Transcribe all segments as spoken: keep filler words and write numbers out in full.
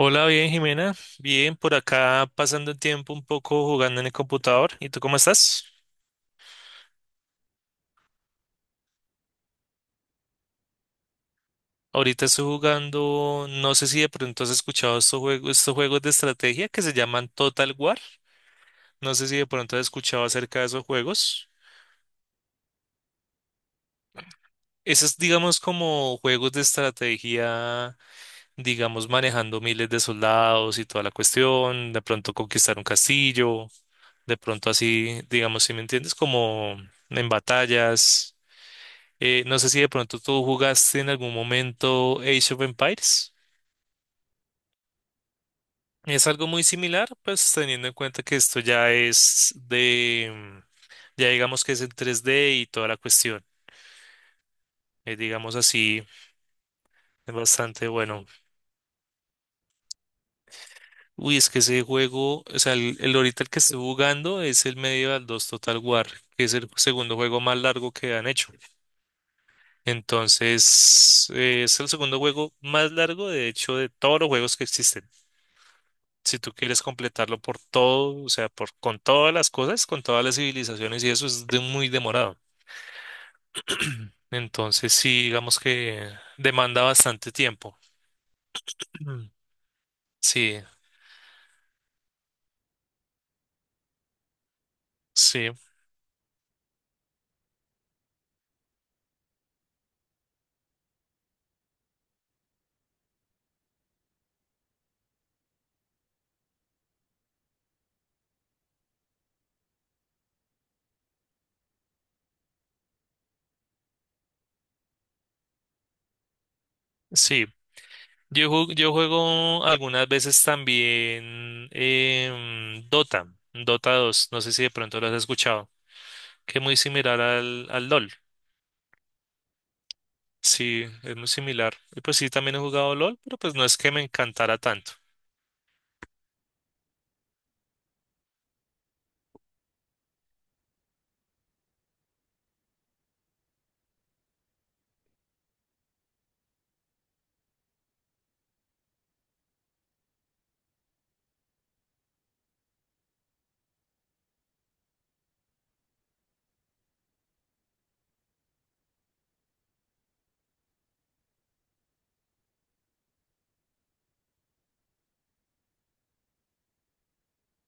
Hola, bien, Jimena. Bien, por acá pasando el tiempo un poco jugando en el computador. ¿Y tú cómo estás? Ahorita estoy jugando, no sé si de pronto has escuchado estos juegos, estos juegos de estrategia que se llaman Total War. No sé si de pronto has escuchado acerca de esos juegos. Esos, digamos, como juegos de estrategia, digamos, manejando miles de soldados y toda la cuestión, de pronto conquistar un castillo, de pronto así, digamos, si me entiendes, como en batallas. Eh, no sé si de pronto tú jugaste en algún momento Age of Empires. Es algo muy similar, pues teniendo en cuenta que esto ya es de, mm, ya digamos que es en tres D y toda la cuestión. Eh, digamos así, es bastante bueno. Uy, es que ese juego, o sea, el, el ahorita el que estoy jugando es el Medieval dos Total War, que es el segundo juego más largo que han hecho. Entonces, eh, es el segundo juego más largo, de hecho, de todos los juegos que existen. Si tú quieres completarlo por todo, o sea, por, con todas las cosas, con todas las civilizaciones y eso es de- muy demorado. Entonces, sí, digamos que demanda bastante tiempo. Mm. Sí, sí, sí. Yo, ju- yo juego algunas veces también em, Dota, Dota dos, no sé si de pronto lo has escuchado, que es muy similar al, al LOL. Sí, es muy similar. Y pues sí, también he jugado LOL, pero pues no es que me encantara tanto.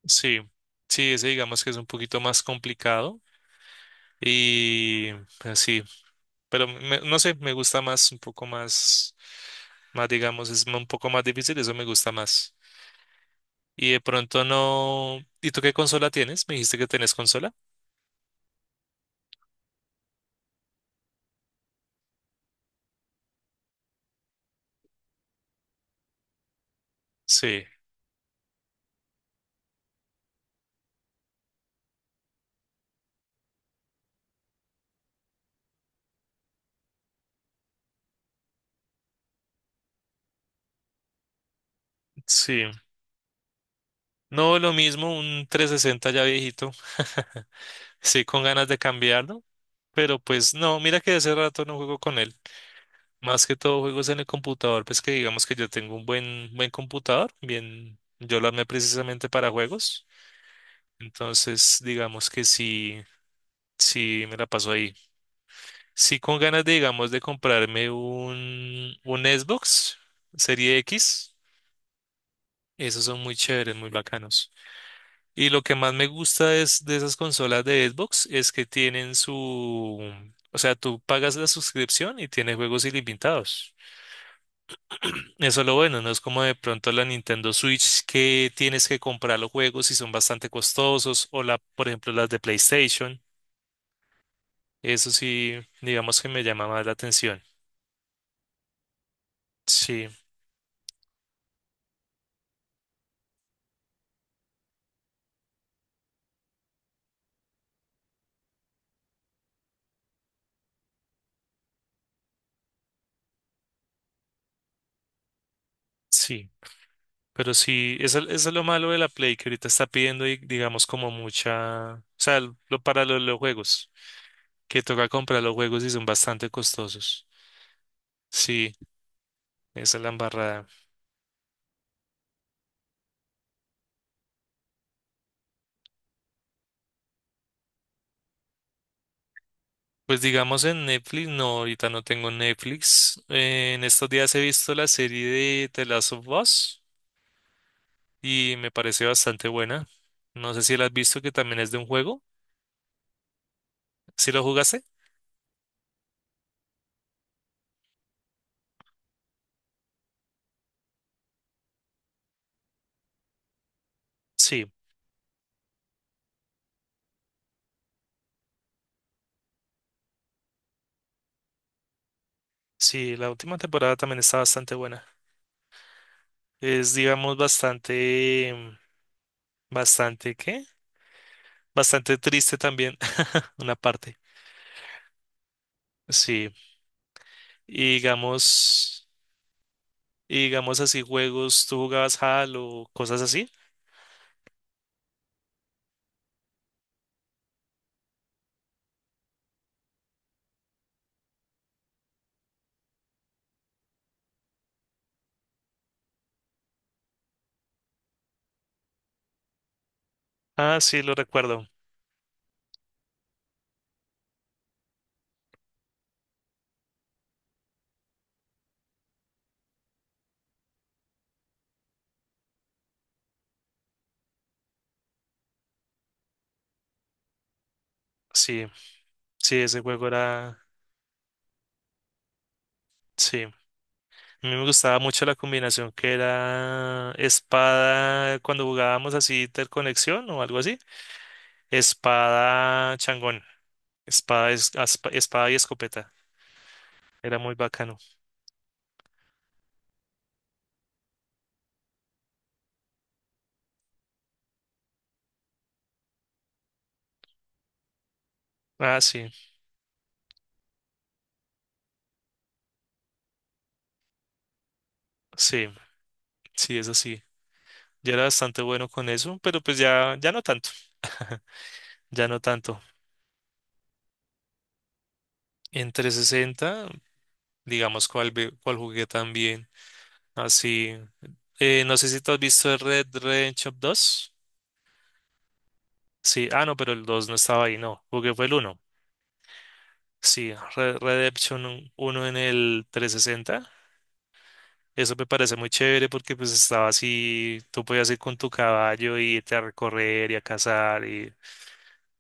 Sí, sí, ese digamos que es un poquito más complicado y así, pero me- no sé, me gusta más, un poco más, más digamos, es un poco más difícil, eso me gusta más. Y de pronto no, ¿y tú qué consola tienes? ¿Me dijiste que tenés consola? Sí, sí. No, lo mismo, un trescientos sesenta ya viejito. Sí, con ganas de cambiarlo, pero pues no, mira que hace rato no juego con él. Más que todo juegos en el computador, pues que digamos que yo tengo un buen, buen computador, bien, yo lo armé precisamente para juegos. Entonces, digamos que sí, sí me la paso ahí. Sí, con ganas de, digamos, de comprarme un, un Xbox Serie X. Esos son muy chéveres, muy bacanos. Y lo que más me gusta es de esas consolas de Xbox es que tienen su, o sea, tú pagas la suscripción y tiene juegos ilimitados. Eso es lo bueno, no es como de pronto la Nintendo Switch que tienes que comprar los juegos y son bastante costosos o la, por ejemplo, las de PlayStation. Eso sí, digamos que me llama más la atención. Sí, sí. Pero sí, eso, eso es lo malo de la Play que ahorita está pidiendo, y, digamos, como mucha, o sea, lo, para los, los juegos. Que toca comprar los juegos y son bastante costosos. Sí, esa es la embarrada. Pues digamos en Netflix, no, ahorita no tengo Netflix. Eh, en estos días he visto la serie de The Last of Us y me parece bastante buena. No sé si la has visto, que también es de un juego. ¿Sí lo jugaste? Sí, sí, la última temporada también está bastante buena. Es, digamos, bastante, bastante, ¿qué? Bastante triste también, una parte. Sí, y digamos... Y digamos así, juegos, ¿tú jugabas Halo, cosas así? Ah, sí, lo recuerdo. Sí, sí, ese juego era... Sí, a mí me gustaba mucho la combinación que era espada, cuando jugábamos así interconexión o algo así, espada changón, espada, es- aspa- espada y escopeta. Era muy bacano. Ah, sí, sí, sí, eso sí. Yo era bastante bueno con eso, pero pues ya, ya no tanto. Ya no tanto. En trescientos sesenta digamos, cuál, ve- cuál jugué también, así. Eh, no sé si tú has visto el Red Redemption dos. Sí, ah, no, pero el dos no estaba ahí, no, porque fue el uno. Sí, Red Redemption uno en el trescientos sesenta. Eso me parece muy chévere porque pues estaba así, tú podías ir con tu caballo y irte a recorrer y a cazar y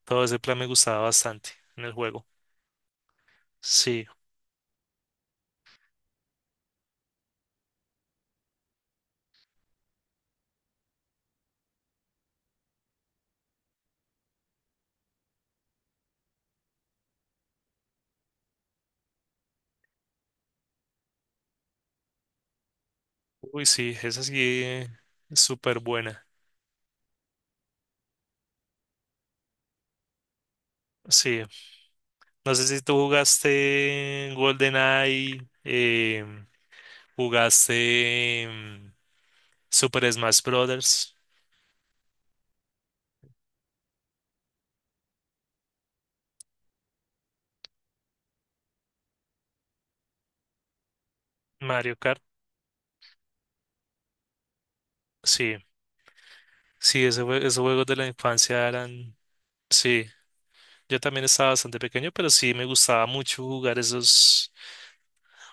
todo ese plan me gustaba bastante en el juego. Sí, uy, sí, esa sí, eh, es súper buena. Sí, no sé si tú jugaste GoldenEye, em, ¿jugaste mm, Super Smash Brothers? Mario Kart. Sí, sí, ese jue- esos juegos de la infancia eran... Sí, yo también estaba bastante pequeño, pero sí me gustaba mucho jugar esos...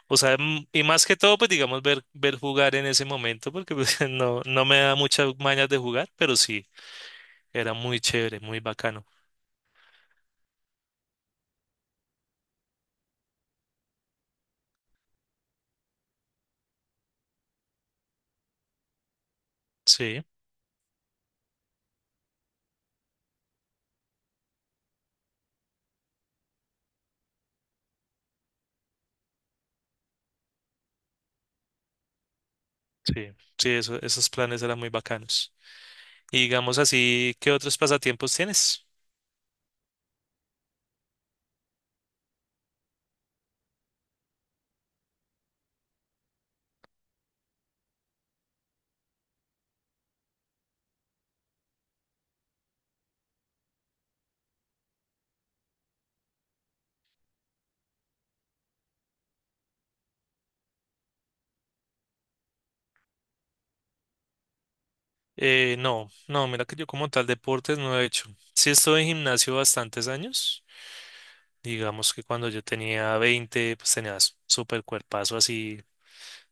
O sea, mm, y más que todo, pues digamos, ver, ver jugar en ese momento, porque pues, no, no me da muchas mañas de jugar, pero sí, era muy chévere, muy bacano. Sí, sí, sí, eso- esos planes eran muy bacanos. Y digamos así, ¿qué otros pasatiempos tienes? Eh, no, no, mira que yo como tal deportes no he hecho. Sí estuve en gimnasio bastantes años. Digamos que cuando yo tenía veinte, pues tenía s- súper cuerpazo así,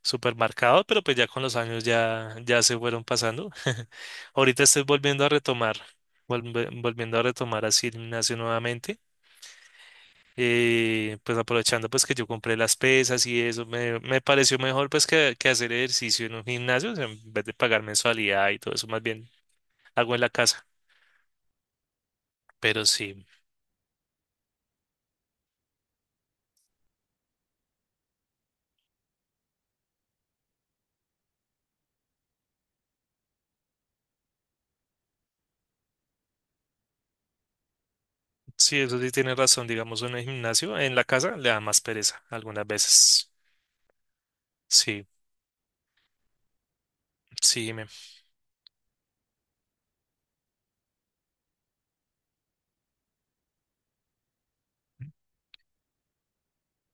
súper marcado, pero pues ya con los años ya, ya se fueron pasando. Ahorita estoy volviendo a retomar, volve- volviendo a retomar así el gimnasio nuevamente. Eh, pues aprovechando pues que yo compré las pesas y eso, me, me pareció mejor pues que, que hacer ejercicio en un gimnasio, o sea, en vez de pagar mensualidad y todo eso, más bien hago en la casa. Pero sí. Sí, eso sí tiene razón, digamos, en el gimnasio, en la casa le da más pereza algunas veces. Sí, sí, me.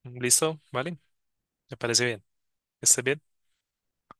¿Listo? ¿Vale? Me parece bien. ¿Estás bien?